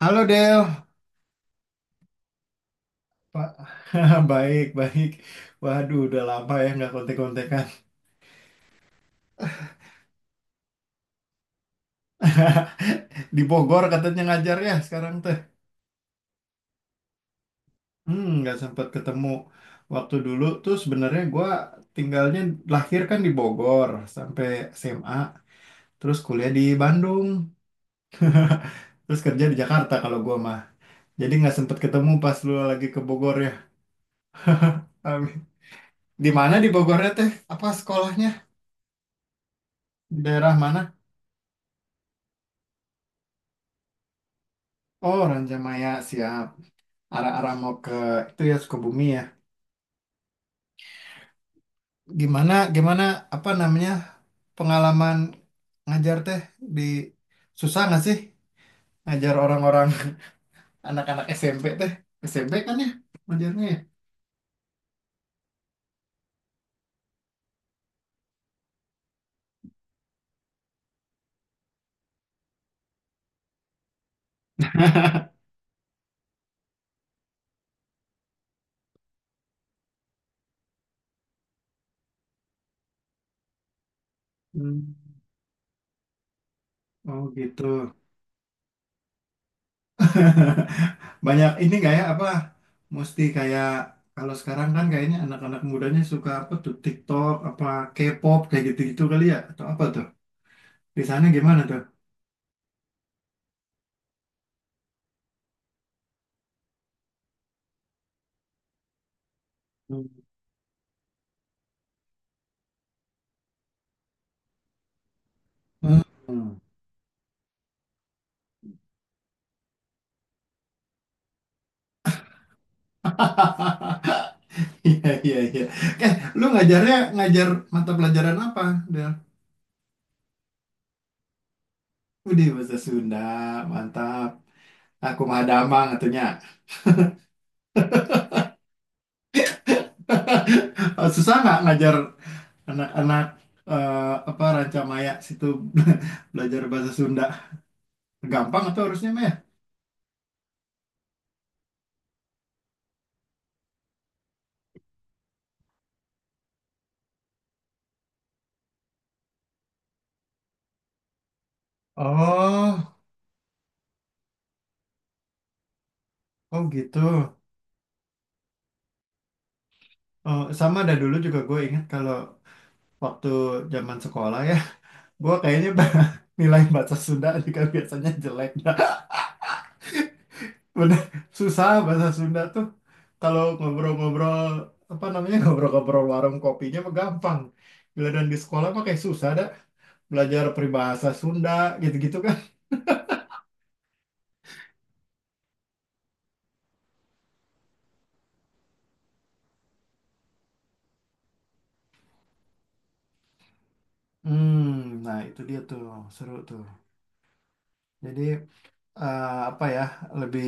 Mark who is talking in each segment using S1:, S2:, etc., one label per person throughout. S1: Halo Del, Pak. Baik, baik. Waduh, udah lama ya nggak kontek-kontekan. Di Bogor katanya ngajar ya sekarang teh. Nggak sempat ketemu. Waktu dulu tuh sebenarnya gua tinggalnya lahir kan di Bogor sampai SMA, terus kuliah di Bandung, terus kerja di Jakarta kalau gua mah. Jadi nggak sempat ketemu pas lu lagi ke Bogor ya. Amin. Di mana di Bogornya teh? Apa sekolahnya? Di daerah mana? Oh, Ranjamaya, siap. Arah-arah mau ke itu ya Sukabumi ya. Gimana gimana apa namanya pengalaman ngajar teh di, susah nggak sih ngajar orang-orang, anak-anak SMP teh, SMP kan ya ngajarnya ya. Hmm. Oh gitu. Banyak ini nggak ya, apa mesti kayak kalau sekarang kan kayaknya anak-anak mudanya suka apa tuh, TikTok apa K-pop kayak gitu-gitu kali ya atau apa tuh? Di sana gimana tuh? Hmm. Hmm. Iya, iya, iya. Eh, Lu ngajarnya ngajar mata pelajaran apa, Del? Udah bahasa Sunda, mantap. Aku mah damang atunya. Susah nggak ngajar anak-anak, apa Rancamaya situ, belajar bahasa Sunda? Gampang atau harusnya, Maya? Oh, oh, gitu. Oh, sama ada dulu juga gue ingat kalau waktu zaman sekolah ya, gue kayaknya nilai bahasa Sunda juga biasanya jelek. Bener, susah bahasa Sunda tuh. Kalau ngobrol-ngobrol, apa namanya, ngobrol-ngobrol warung kopinya mah gampang. Bila dan di sekolah mah kayak susah dah. Belajar peribahasa Sunda, gitu-gitu kan. Hmm, nah itu dia tuh, seru tuh. Jadi, eh, apa ya, lebih,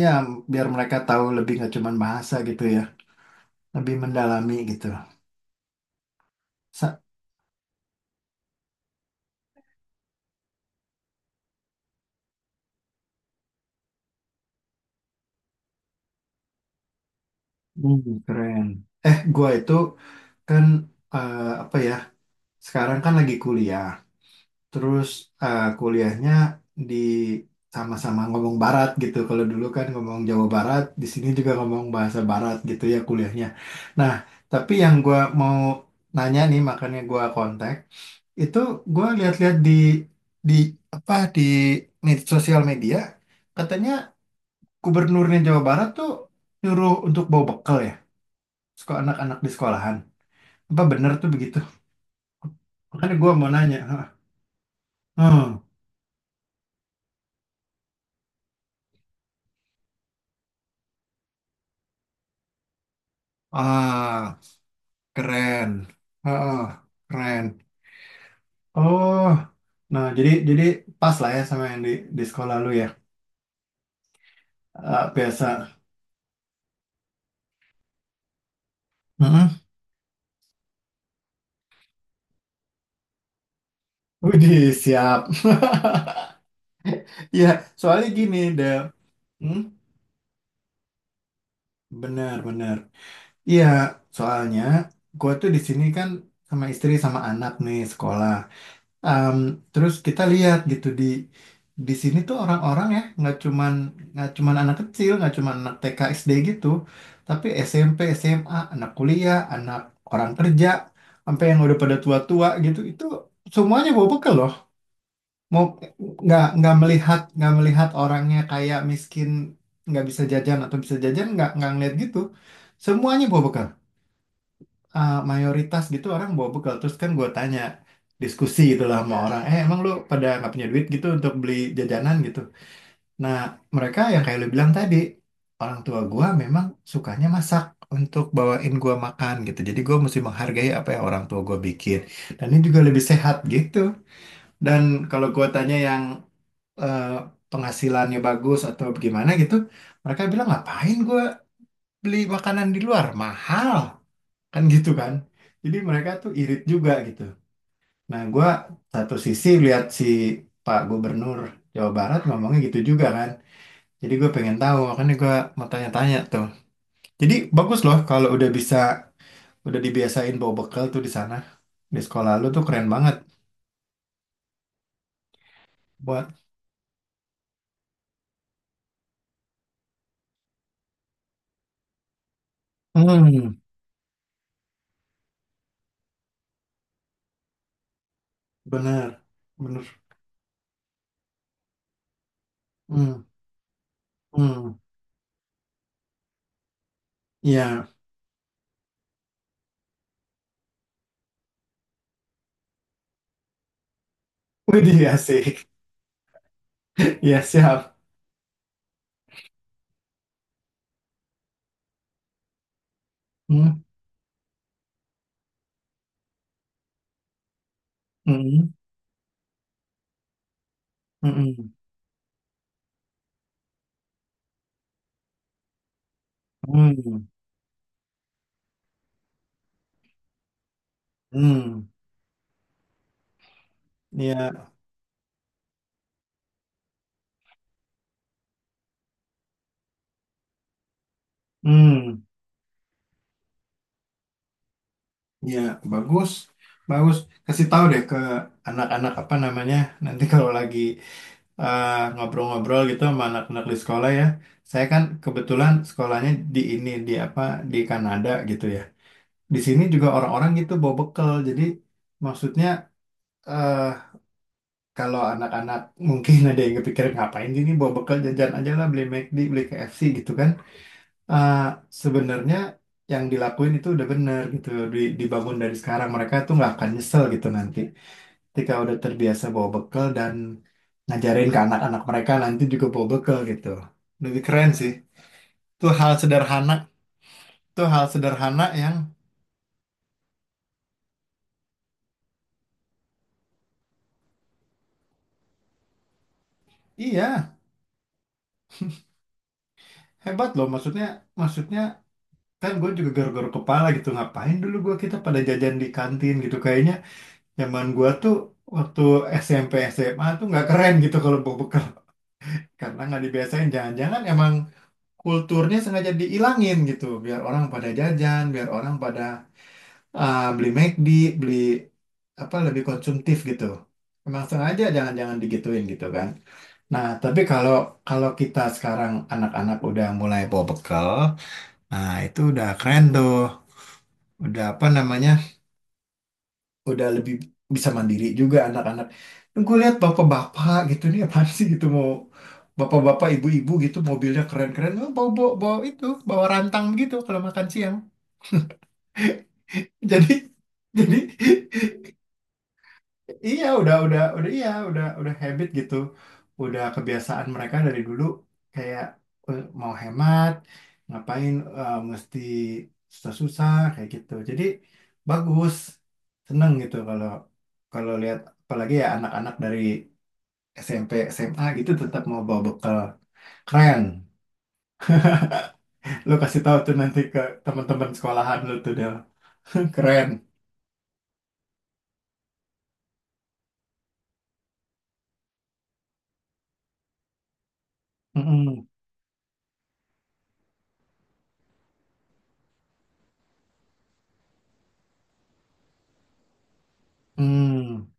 S1: ya biar mereka tahu lebih nggak cuman bahasa gitu ya. Lebih mendalami gitu. Sa- Keren. Gua itu kan, apa ya, sekarang kan lagi kuliah. Terus kuliahnya di sama-sama ngomong barat gitu. Kalau dulu kan ngomong Jawa Barat, di sini juga ngomong bahasa barat gitu ya kuliahnya. Nah, tapi yang gua mau nanya nih makanya gua kontak, itu gua lihat-lihat di apa di sosial media, katanya gubernurnya Jawa Barat tuh nyuruh untuk bawa bekal ya, sekolah anak-anak di sekolahan. Apa bener tuh begitu? Makanya gua mau nanya. Heeh. Hmm. Ah. Keren. Heeh, keren. Oh, nah jadi pas lah ya sama yang di sekolah lu ya. Biasa. Heeh. Widih, siap. Ya, soalnya gini deh. Hmm, Bener, bener. Iya, soalnya gua tuh di sini kan sama istri sama anak nih sekolah. Em, Terus kita lihat gitu di sini tuh orang-orang ya, nggak cuman anak kecil, nggak cuman anak TK SD gitu, tapi SMP, SMA, anak kuliah, anak orang kerja, sampai yang udah pada tua-tua gitu, itu semuanya bawa bekal loh. Mau nggak, nggak melihat orangnya kayak miskin nggak bisa jajan atau bisa jajan, nggak ngeliat gitu, semuanya bawa bekal, mayoritas gitu orang bawa bekal. Terus kan gue tanya, diskusi gitu lah sama orang, emang lu pada nggak punya duit gitu untuk beli jajanan gitu. Nah mereka yang kayak lu bilang tadi, orang tua gue memang sukanya masak untuk bawain gue makan gitu, jadi gue mesti menghargai apa yang orang tua gue bikin, dan ini juga lebih sehat gitu. Dan kalau gue tanya yang eh, penghasilannya bagus atau gimana gitu, mereka bilang ngapain gue beli makanan di luar mahal kan gitu kan, jadi mereka tuh irit juga gitu. Nah gua satu sisi lihat si Pak Gubernur Jawa Barat ngomongnya gitu juga kan, jadi gue pengen tahu, makanya gue mau tanya-tanya tuh. Jadi bagus loh kalau udah bisa, udah dibiasain bawa bekal tuh di sana, di sekolah lu tuh keren banget buat. Hmm. Bener, bener. Hmm. Hmm. Iya. Widih, asik. Iya, siap. Hmm. Hmm. Hmm. Hmm. Hmm. Iya. Hmm. Ya, bagus. Bagus. Kasih tahu deh ke anak-anak apa namanya. Nanti kalau lagi ngobrol-ngobrol gitu sama anak-anak di sekolah ya. Saya kan kebetulan sekolahnya di ini, di apa, di Kanada gitu ya. Di sini juga orang-orang gitu bawa bekal. Jadi maksudnya, eh kalau anak-anak mungkin ada yang kepikiran ngapain sih ini bawa bekal, jajan aja lah, beli McD, beli KFC gitu kan. Ah, sebenarnya yang dilakuin itu udah bener gitu. Dibangun dari sekarang, mereka tuh nggak akan nyesel gitu nanti, ketika udah terbiasa bawa bekal dan ngajarin ke anak-anak mereka nanti juga bawa bekal gitu, lebih keren sih. Tuh hal sederhana tuh hal sederhana yang, iya, hebat loh, maksudnya, maksudnya kan gue juga garuk-garuk kepala gitu, ngapain dulu gue, kita pada jajan di kantin gitu kayaknya. Zaman gue tuh waktu SMP SMA tuh nggak keren gitu kalau bawa bekal, karena nggak dibiasain. Jangan-jangan emang kulturnya sengaja diilangin gitu biar orang pada jajan, biar orang pada, ah, beli McD, beli apa, lebih konsumtif gitu. Emang sengaja jangan-jangan digituin gitu kan. Nah tapi kalau kalau kita sekarang anak-anak udah mulai bawa bekal, nah itu udah keren tuh, udah apa namanya, udah lebih bisa mandiri juga anak-anak. Gue lihat bapak-bapak gitu nih, apaan sih gitu mau, bapak-bapak ibu-ibu gitu mobilnya keren-keren, oh, bawa, itu bawa rantang gitu kalau makan siang. Jadi, jadi iya, udah, iya, udah habit gitu, udah kebiasaan mereka dari dulu kayak, mau hemat, ngapain mesti susah-susah kayak gitu. Jadi bagus, seneng gitu kalau kalau lihat apalagi ya anak-anak dari SMP, SMA gitu tetap mau bawa bekal, keren. Lo kasih tahu tuh nanti ke teman-teman sekolahan lo tuh Del, keren. Mm-mm. Mm.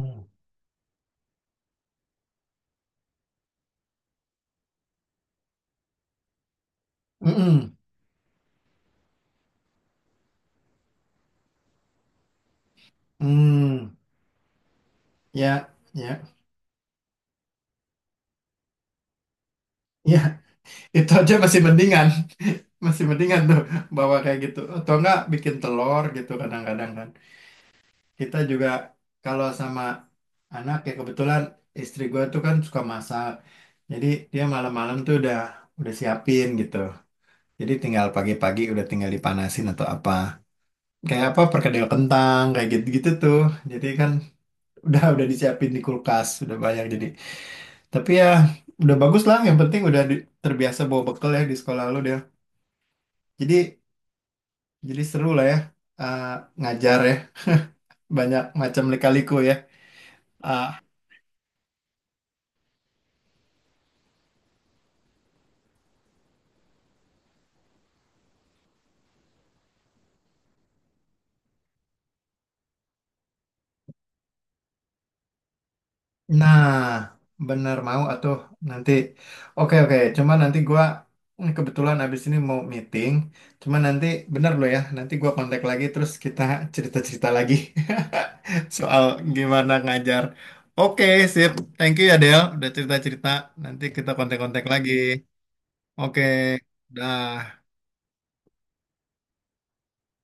S1: Mm. Mm-mm. Mm. Ya, ya. Ya, itu aja masih mendingan tuh bawa kayak gitu. Atau enggak bikin telur gitu kadang-kadang kan. Kita juga kalau sama anak ya, kebetulan istri gue tuh kan suka masak. Jadi dia malam-malam tuh udah siapin gitu. Jadi tinggal pagi-pagi udah tinggal dipanasin atau apa. Kayak apa, perkedel kentang kayak gitu-gitu tuh. Jadi kan udah disiapin di kulkas, udah banyak jadi. Tapi ya udah bagus lah, yang penting udah terbiasa bawa bekal ya di sekolah lu dia. Jadi Jadi seru lah ya, eh, ngajar ya, banyak macam lika-liku ya. Ah, nah, bener mau atuh nanti. Oke, oke, cuma nanti gua, kebetulan abis ini mau meeting. Cuma nanti bener loh ya, nanti gua kontak lagi terus kita cerita-cerita lagi soal gimana ngajar. Oke, sip. Thank you ya Del, udah cerita-cerita. Nanti kita kontak-kontak lagi. Oke, dah.